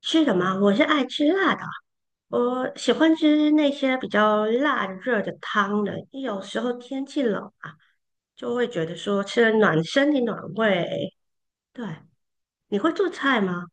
吃的吗？我是爱吃辣的，我喜欢吃那些比较辣热的汤的。有时候天气冷啊，就会觉得说吃了暖身体暖胃。对，你会做菜吗？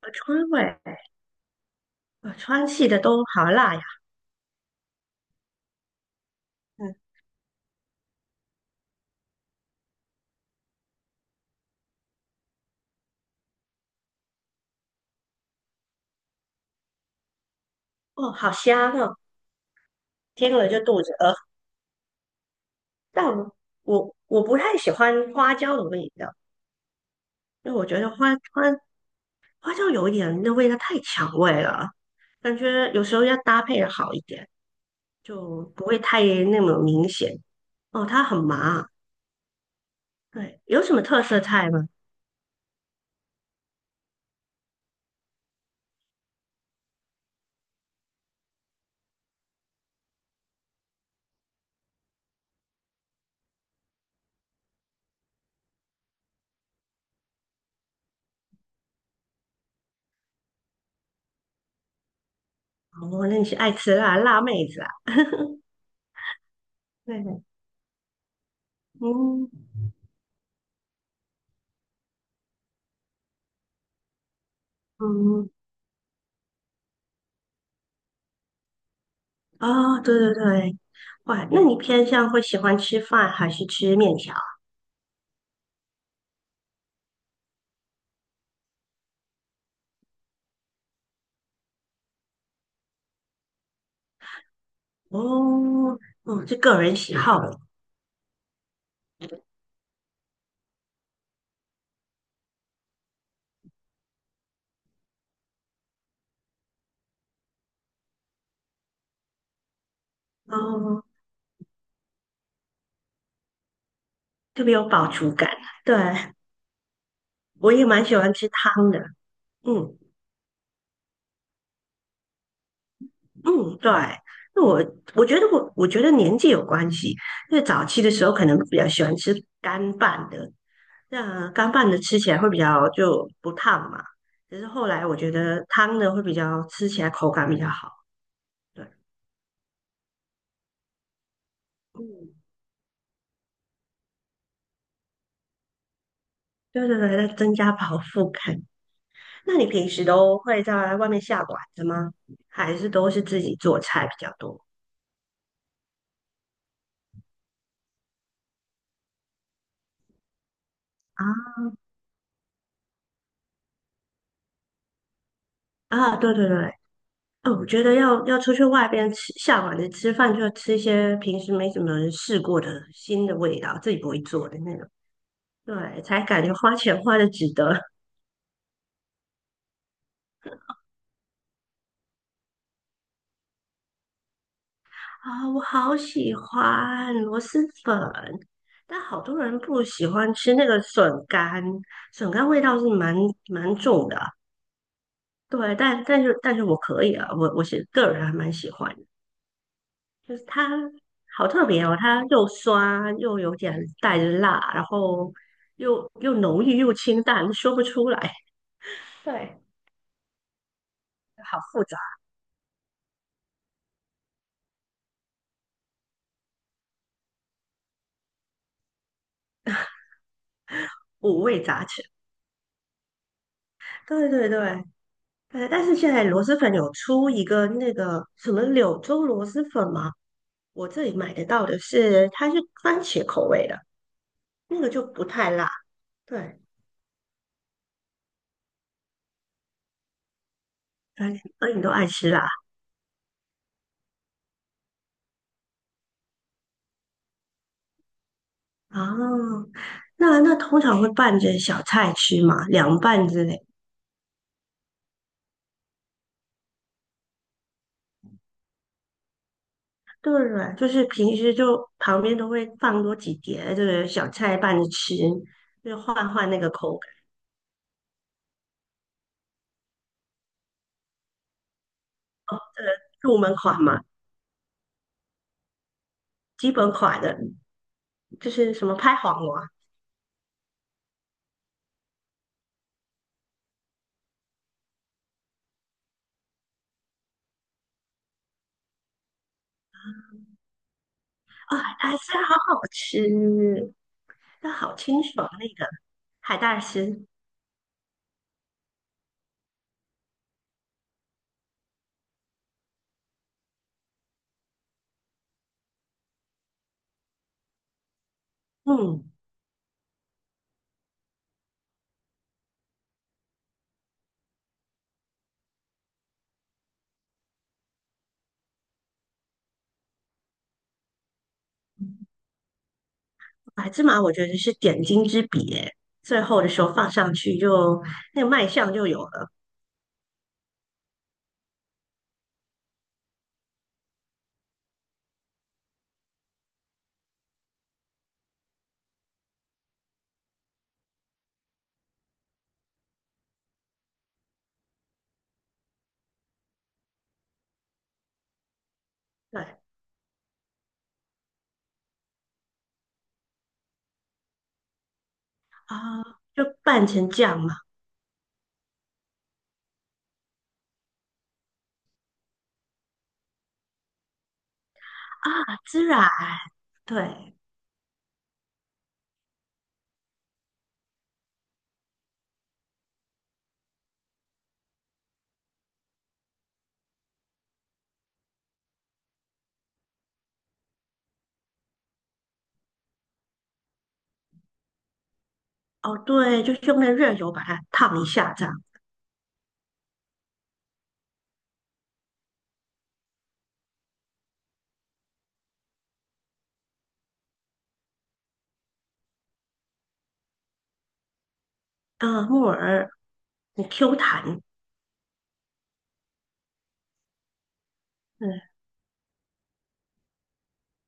川味，川系的都好辣呀。嗯，哦，好香哦，听了就肚子饿。但我不太喜欢花椒的味道，因为我觉得花椒有一点那味道太抢味了，感觉有时候要搭配的好一点。就不会太那么明显。哦，它很麻，对，有什么特色菜吗？哦，那你是爱吃辣辣妹子啊？对，嗯嗯，哦，对对对，哇，那你偏向会喜欢吃饭还是吃面条？哦，哦，这个人喜好了哦，特别有饱足感。对，我也蛮喜欢吃汤的，嗯嗯，对。那我觉得年纪有关系，因为早期的时候可能比较喜欢吃干拌的，那干拌的吃起来会比较就不烫嘛，只是后来我觉得汤的会比较吃起来口感比较好。对，嗯，对对对，在增加饱腹感。那你平时都会在外面下馆子吗？还是都是自己做菜比较多？啊啊，对对对，哦，我觉得要出去外边吃下馆子吃饭，就要吃一些平时没怎么人试过的新的味道，自己不会做的那种，对，才感觉花钱花的值得。啊，我好喜欢螺蛳粉，但好多人不喜欢吃那个笋干，笋干味道是蛮重的啊对，但是我可以啊，我是个人还蛮喜欢的就是它好特别哦，它又酸又有点带着辣，然后又浓郁又清淡，说不出来。对，好复杂，五味杂陈。对对对，但是现在螺蛳粉有出一个那个什么柳州螺蛳粉吗？我这里买得到的是，它是番茄口味的，那个就不太辣。对，番茄，而你都爱吃辣哦。那通常会拌着小菜吃嘛，凉拌之类。对对，就是平时就旁边都会放多几碟这个小菜拌着吃，就换换那个口感。入门款嘛，基本款的，就是什么拍黄瓜啊，海带丝好好吃，那好清爽那个海带丝，嗯。白芝麻我觉得是点睛之笔耶，最后的时候放上去就那个卖相就有了。对啊，就拌成酱嘛。啊，孜然，对，哦对，就是用那个热油把它烫一下这样。嗯，木耳很 Q 弹，嗯，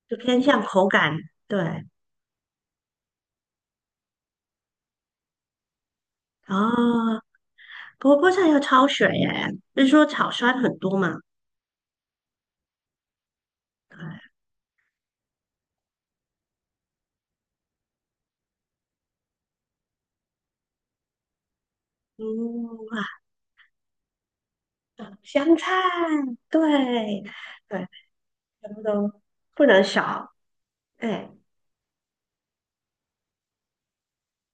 就偏向口感。对，哦，不过菠菜要焯水耶，就是说草酸很多嘛。对，嗯，哇，香菜，对对，全部都不能少。哎。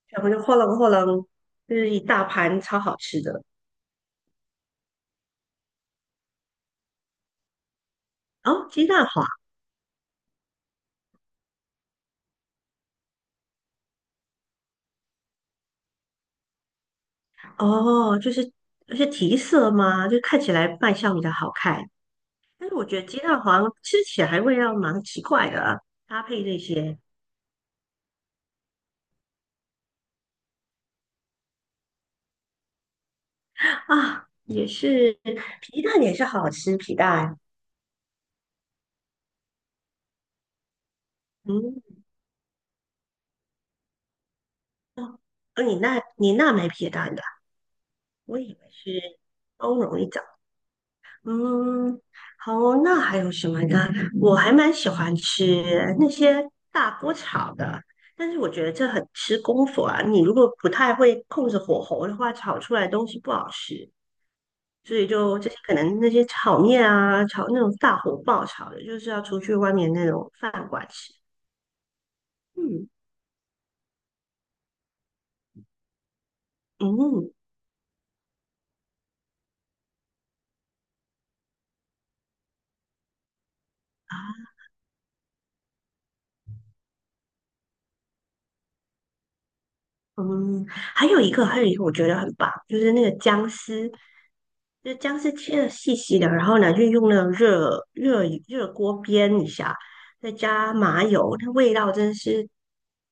小朋友哗楞哗楞，就是一大盘超好吃的。哦，鸡蛋黄，哦，就是提色吗？就看起来卖相比较好看，但是我觉得鸡蛋黄吃起来味道蛮奇怪的啊搭配这些啊，也是皮蛋也是好吃，皮蛋，嗯，哦，你那没皮蛋的啊，我以为是欧容一种。嗯，好哦，那还有什么呢？我还蛮喜欢吃那些大锅炒的，但是我觉得这很吃功夫啊。你如果不太会控制火候的话，炒出来的东西不好吃。所以就这些可能那些炒面啊，炒那种大火爆炒的，就是要出去外面那种饭馆吃。嗯嗯。啊嗯，还有一个，还有一个，我觉得很棒，就是那个姜丝。就姜丝切的细细的，然后呢，就用那个热锅煸一下，再加麻油，那味道真是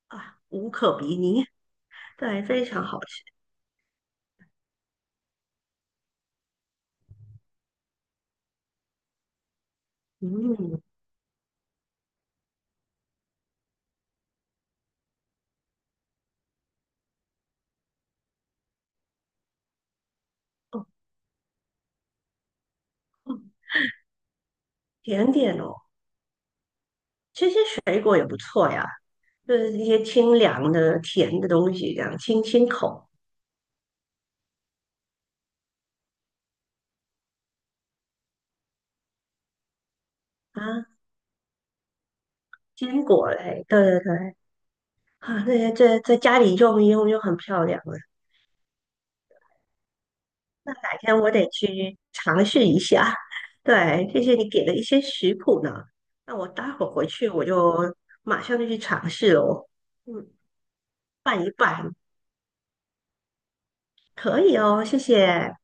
啊无可比拟，对，非常好吃。嗯，哦，甜点哦，这些水果也不错呀，就是一些清凉的甜的东西，这样清清口啊。坚果类，对对对，啊，那些在家里用一用就很漂亮了。改天我得去尝试一下。对，谢谢你给的一些食谱呢，那我待会儿回去我就马上就去尝试哦。嗯，拌一拌，可以哦，谢谢。